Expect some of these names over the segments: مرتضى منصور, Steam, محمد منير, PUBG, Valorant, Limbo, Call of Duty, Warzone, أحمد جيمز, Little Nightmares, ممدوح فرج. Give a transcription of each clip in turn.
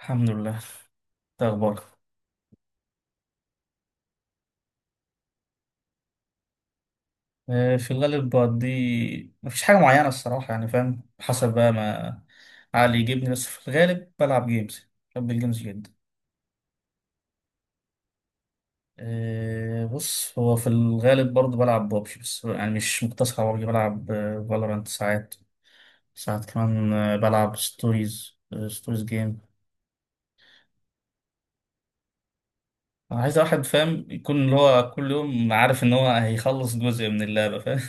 الحمد لله. إيه اخبارك؟ في الغالب بقضي مفيش حاجه معينه الصراحه، يعني فاهم، حسب بقى ما عقلي يجيبني، بس في الغالب بلعب جيمز، بحب الجيمز جدا. بص، هو في الغالب برضه بلعب بابجي، بس يعني مش مقتصر على بابجي، بلعب فالورانت ساعات. ساعات كمان بلعب ستوريز، ستوريز جيم. انا عايز واحد فاهم، يكون اللي هو كل يوم عارف ان هو هيخلص جزء من اللعبه، فاهم.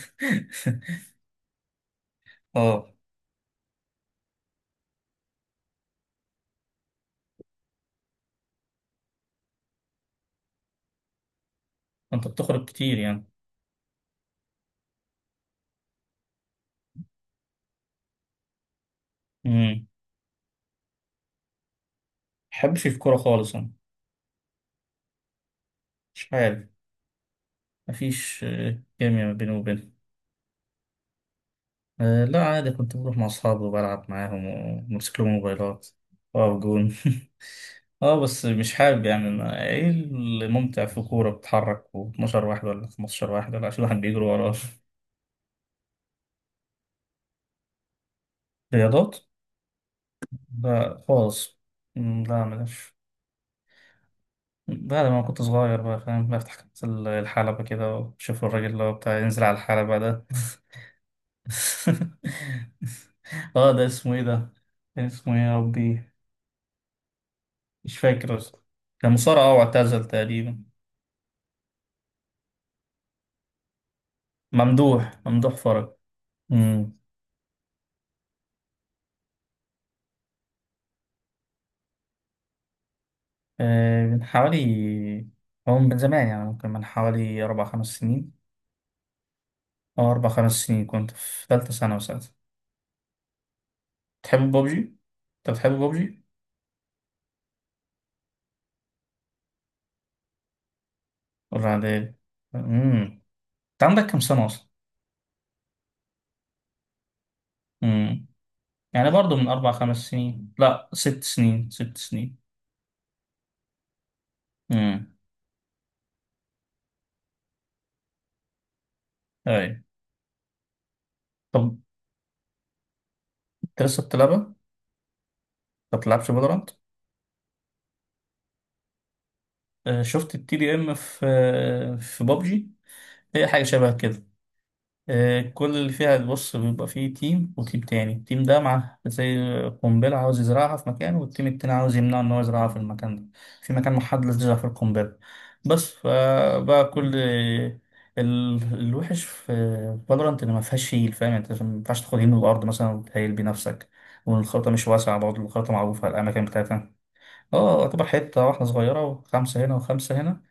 اه. انت بتخرج كتير؟ يعني بحبش الكورة خالص أنا. مش عارف. مفيش كيميا ما بيني وبينهم. لا عادي، كنت بروح مع أصحابي وبلعب معاهم وبمسك لهم موبايلات وأقف جون. اه بس مش حابب يعني. أنا ايه الممتع في كورة بتتحرك و12 واحد ولا 15 واحد ولا 20 واحد بيجروا وراه؟ رياضات؟ لا خالص. لا ملاش. بعد ما كنت صغير بقى، فاهم، بفتح كاس الحلبة كده وأشوف الراجل اللي هو بتاع ينزل على الحلبة ده. اه ده اسمه ايه ده؟ كان اسمه ايه يا ربي؟ مش فاكر اصلا. كان مصارع، اه، واعتزل تقريبا. ممدوح فرج. امم. آه من حوالي. هو من زمان يعني، ممكن من حوالي اربع خمس سنين. اه اربع خمس سنين، كنت في ثالثة ثانوي ساعتها. تحب بابجي؟ انت بتحب بابجي؟ ولا عادي؟ امم. انت عندك كام سنة اصلا؟ امم. يعني برضو من اربع خمس سنين، لا ست سنين، ست سنين. امم. ايوه. طب انت لسه بتلعبها؟ ما بتلعبش فالورانت؟ شفت التي دي ام في في بابجي؟ هي حاجه شبه كده. كل اللي فيها، بص، بيبقى فيه تيم وتيم تاني، التيم ده مع زي قنبله عاوز يزرعها في مكان، والتيم التاني عاوز يمنعه ان هو يزرعها في المكان ده، في مكان محدد يزرع فيه القنبله. بس فبقى كل الوحش في فالورانت ان ما فيهاش هيل، فاهم، يعني انت ما ينفعش تاخد هيل من الارض مثلا وتهيل بنفسك. والخريطه مش واسعه برضه، الخريطه معروفه الاماكن بتاعتها. اه يعتبر حته واحده صغيره، وخمسه هنا وخمسه هنا.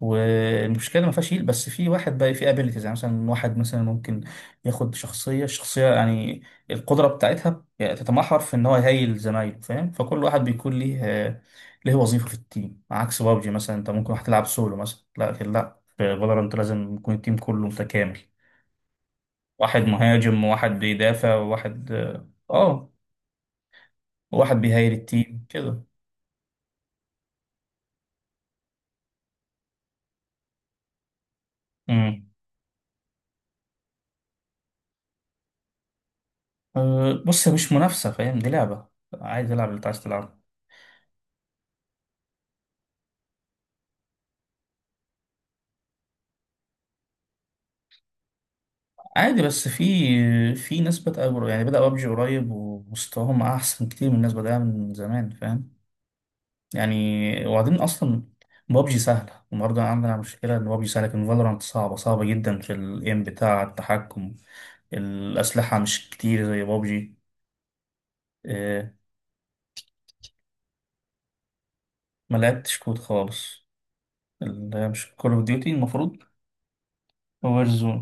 والمشكله ما فيهاش هيل، بس في واحد بقى في ابيلتيز، يعني مثلا واحد مثلا ممكن ياخد شخصيه، الشخصيه يعني القدره بتاعتها يعني تتمحور في ان هو يهيل زمايله، فاهم، فكل واحد بيكون ليه وظيفه في التيم. عكس بابجي مثلا، انت ممكن واحد تلعب سولو مثلا، لكن لا، في فالورانت لازم يكون التيم كله متكامل. واحد مهاجم وواحد بيدافع وواحد وواحد بيهيل التيم كده. بص هي مش منافسة، فاهم، دي لعبة عادي، العب اللي انت عايز تلعبه. عادي بس في ناس بدأ يعني بدأ ببجي قريب ومستواهم أحسن كتير من الناس بدأها من زمان، فاهم. يعني وبعدين أصلا ببجي سهلة، وبرضه عندنا مشكلة إن ببجي سهلة لكن فالورانت صعبة، صعبة جدا في الإيم بتاع التحكم. الأسلحة مش كتير زي ببجي. أه، ما لعبتش كود خالص. اللي هي مش كول أوف ديوتي المفروض؟ وورزون.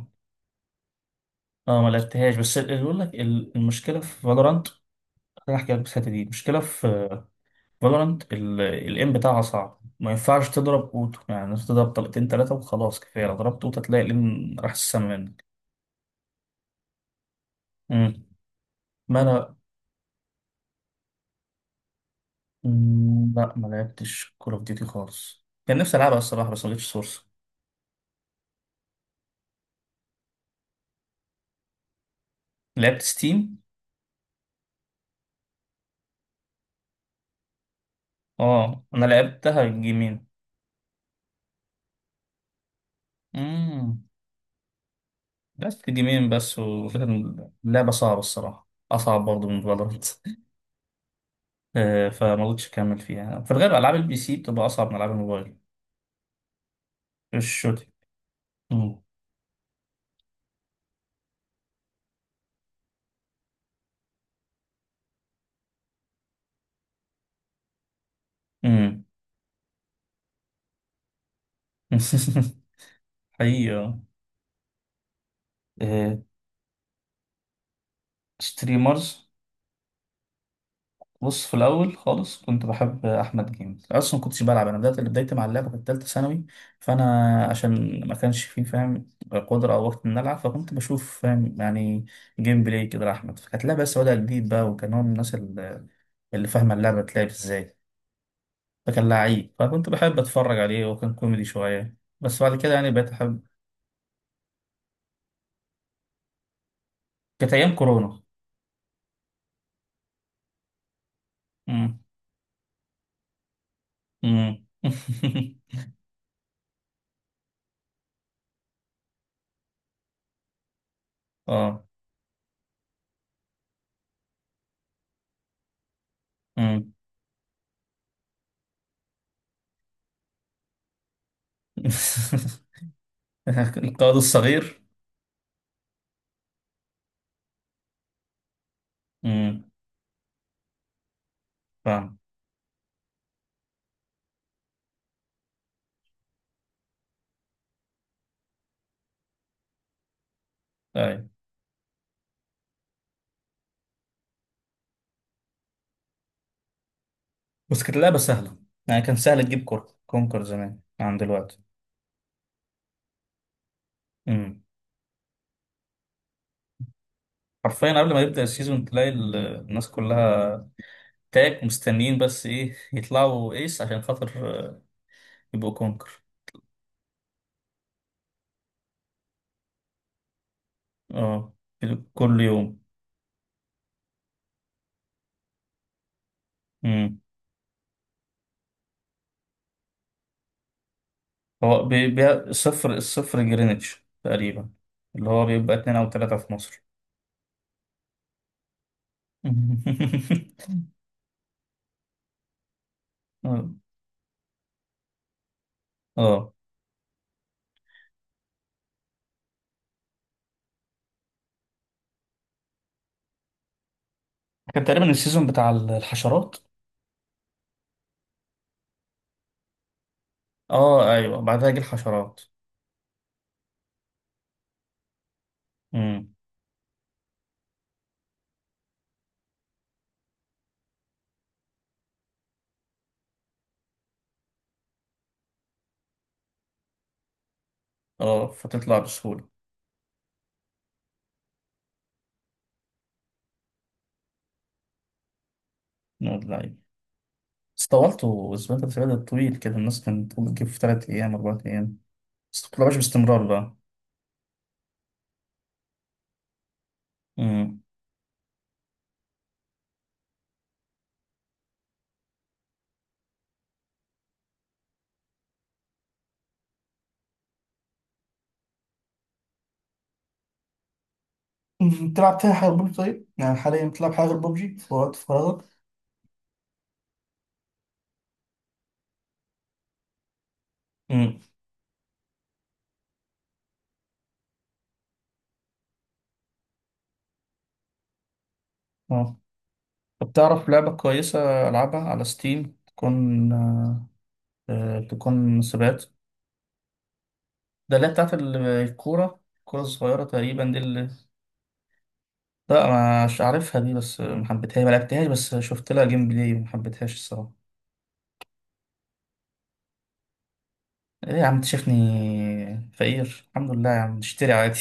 اه ما لعبتهاش. بس اللي يقول لك المشكله في فالورانت، خليني احكي لك. بس الحته دي، المشكله في فالورانت الام بتاعها صعب، ما ينفعش تضرب اوتو، يعني انت تضرب طلقتين ثلاثه وخلاص كفايه، لو ضربت اوتو تلاقي الام راح السما منك. مم. ما انا لا ما لعبتش كول اوف ديوتي خالص، كان نفسي العبها الصراحه بس ما جبتش سورس. لعبت ستيم. اه انا لعبتها جيمين. امم. لعبت جيمين بس، وكان لعبه صعبه الصراحه، اصعب برضه من فالورانت. فما قدرتش اكمل فيها. في الغالب العاب البي سي بتبقى اصعب من العاب الموبايل. الشوتي. امم. حقيقة. آه، ستريمرز. بص في الأول خالص كنت بحب أحمد جيمز، أصلا ما كنتش بلعب، أنا بدأت بدايتي مع اللعبة كانت تالتة ثانوي، فأنا عشان ما كانش فيه، فاهم، قدرة أو وقت إن ألعب، فكنت بشوف، فاهم، يعني جيم بلاي كده لأحمد، فكانت لعبة بس بدأ جديد بقى، وكان هو من الناس اللي فاهمة اللعبة بتلعب إزاي، فكان لعيب، فكنت بحب أتفرج عليه، وكان كوميدي شوية، بس بعد كده يعني بقيت أحب. كانت أيام كورونا. امم. امم. اه. مم. القائد الصغير. امم. فاهم. ايوه. بس كانت اللعبه سهله، يعني كان سهل تجيب كور كونكر زمان عن دلوقتي. امم. حرفيا قبل ما يبدا السيزون تلاقي الناس كلها تاك مستنيين بس ايه يطلعوا ايس عشان خاطر آه، يبقوا كونكر. اه كل يوم. امم. هو الصفر الصفر جرينتش تقريبا. اللي هو بيبقى اتنين او تلاته في مصر. اه. آه. كان تقريبا السيزون بتاع الحشرات. اه ايوه بعدها يجي الحشرات. امم. اه فتطلع بسهولة. نقول اللعيب. بس طولته اسبوع تلات سبات، طويل كده، الناس كانت تقول تجيب في تلات ايام اربع ايام، بس متطلعش باستمرار بقى. امم. مم. بتلعب تاني حاجة غير ببجي طيب؟ يعني حاليا بتلعب حاجة غير ببجي في وقت فراغك؟ امم. اه طب تعرف لعبة كويسة ألعبها على ستيم تكون تكون سبات؟ ده اللي هي بتاعت الكورة، الكورة الصغيرة تقريبا دي اللي. لا مش عارفها دي، بس ما حبيتهاش، ما لعبتهاش بس شفت لها جيم بلاي وما حبيتهاش الصراحة. ايه يا عم، انت شايفني فقير؟ الحمد لله يا عم، اشتري عادي.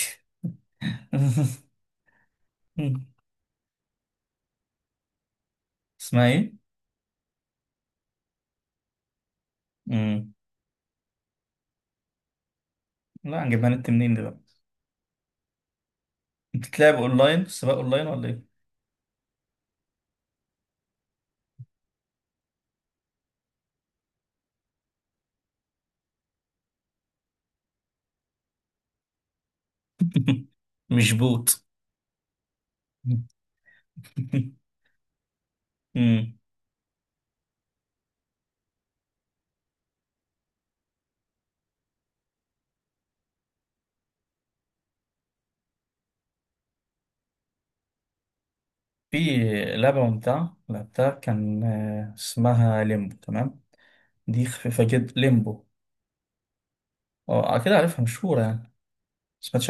اسمها ايه؟ مم. لا هنجيبها نت منين دي بقى؟ بتتلعب اونلاين؟ سباق اونلاين ولا ايه؟ مش بوت. مم. في لعبة ممتعة لعبتها كان اسمها ليمبو، تمام؟ دي خفيفة جدا، ليمبو. اه كده عارفها، مشهورة يعني. سمعتش؟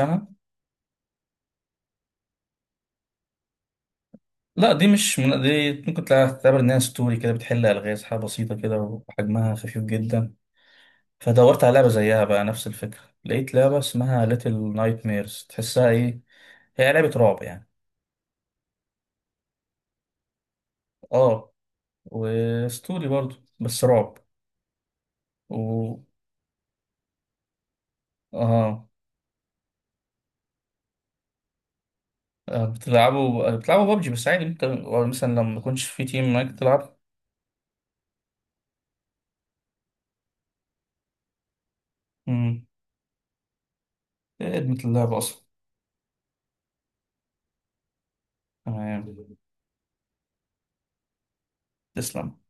لا دي مش من دي، ممكن تعتبر انها ستوري كده، بتحل الغاز حاجه بسيطه كده، وحجمها خفيف جدا. فدورت على لعبه زيها بقى نفس الفكره، لقيت لعبه اسمها ليتل نايت ميرز، تحسها ايه، هي لعبه رعب يعني. اه، وستوري برضو بس رعب. و اه بتلعبوا بابجي بس عادي انت، مثلا لما يكونش في تيم معاك تلعب؟ امم. إيه خدمه اللعبه اصلا. تمام. تسلم.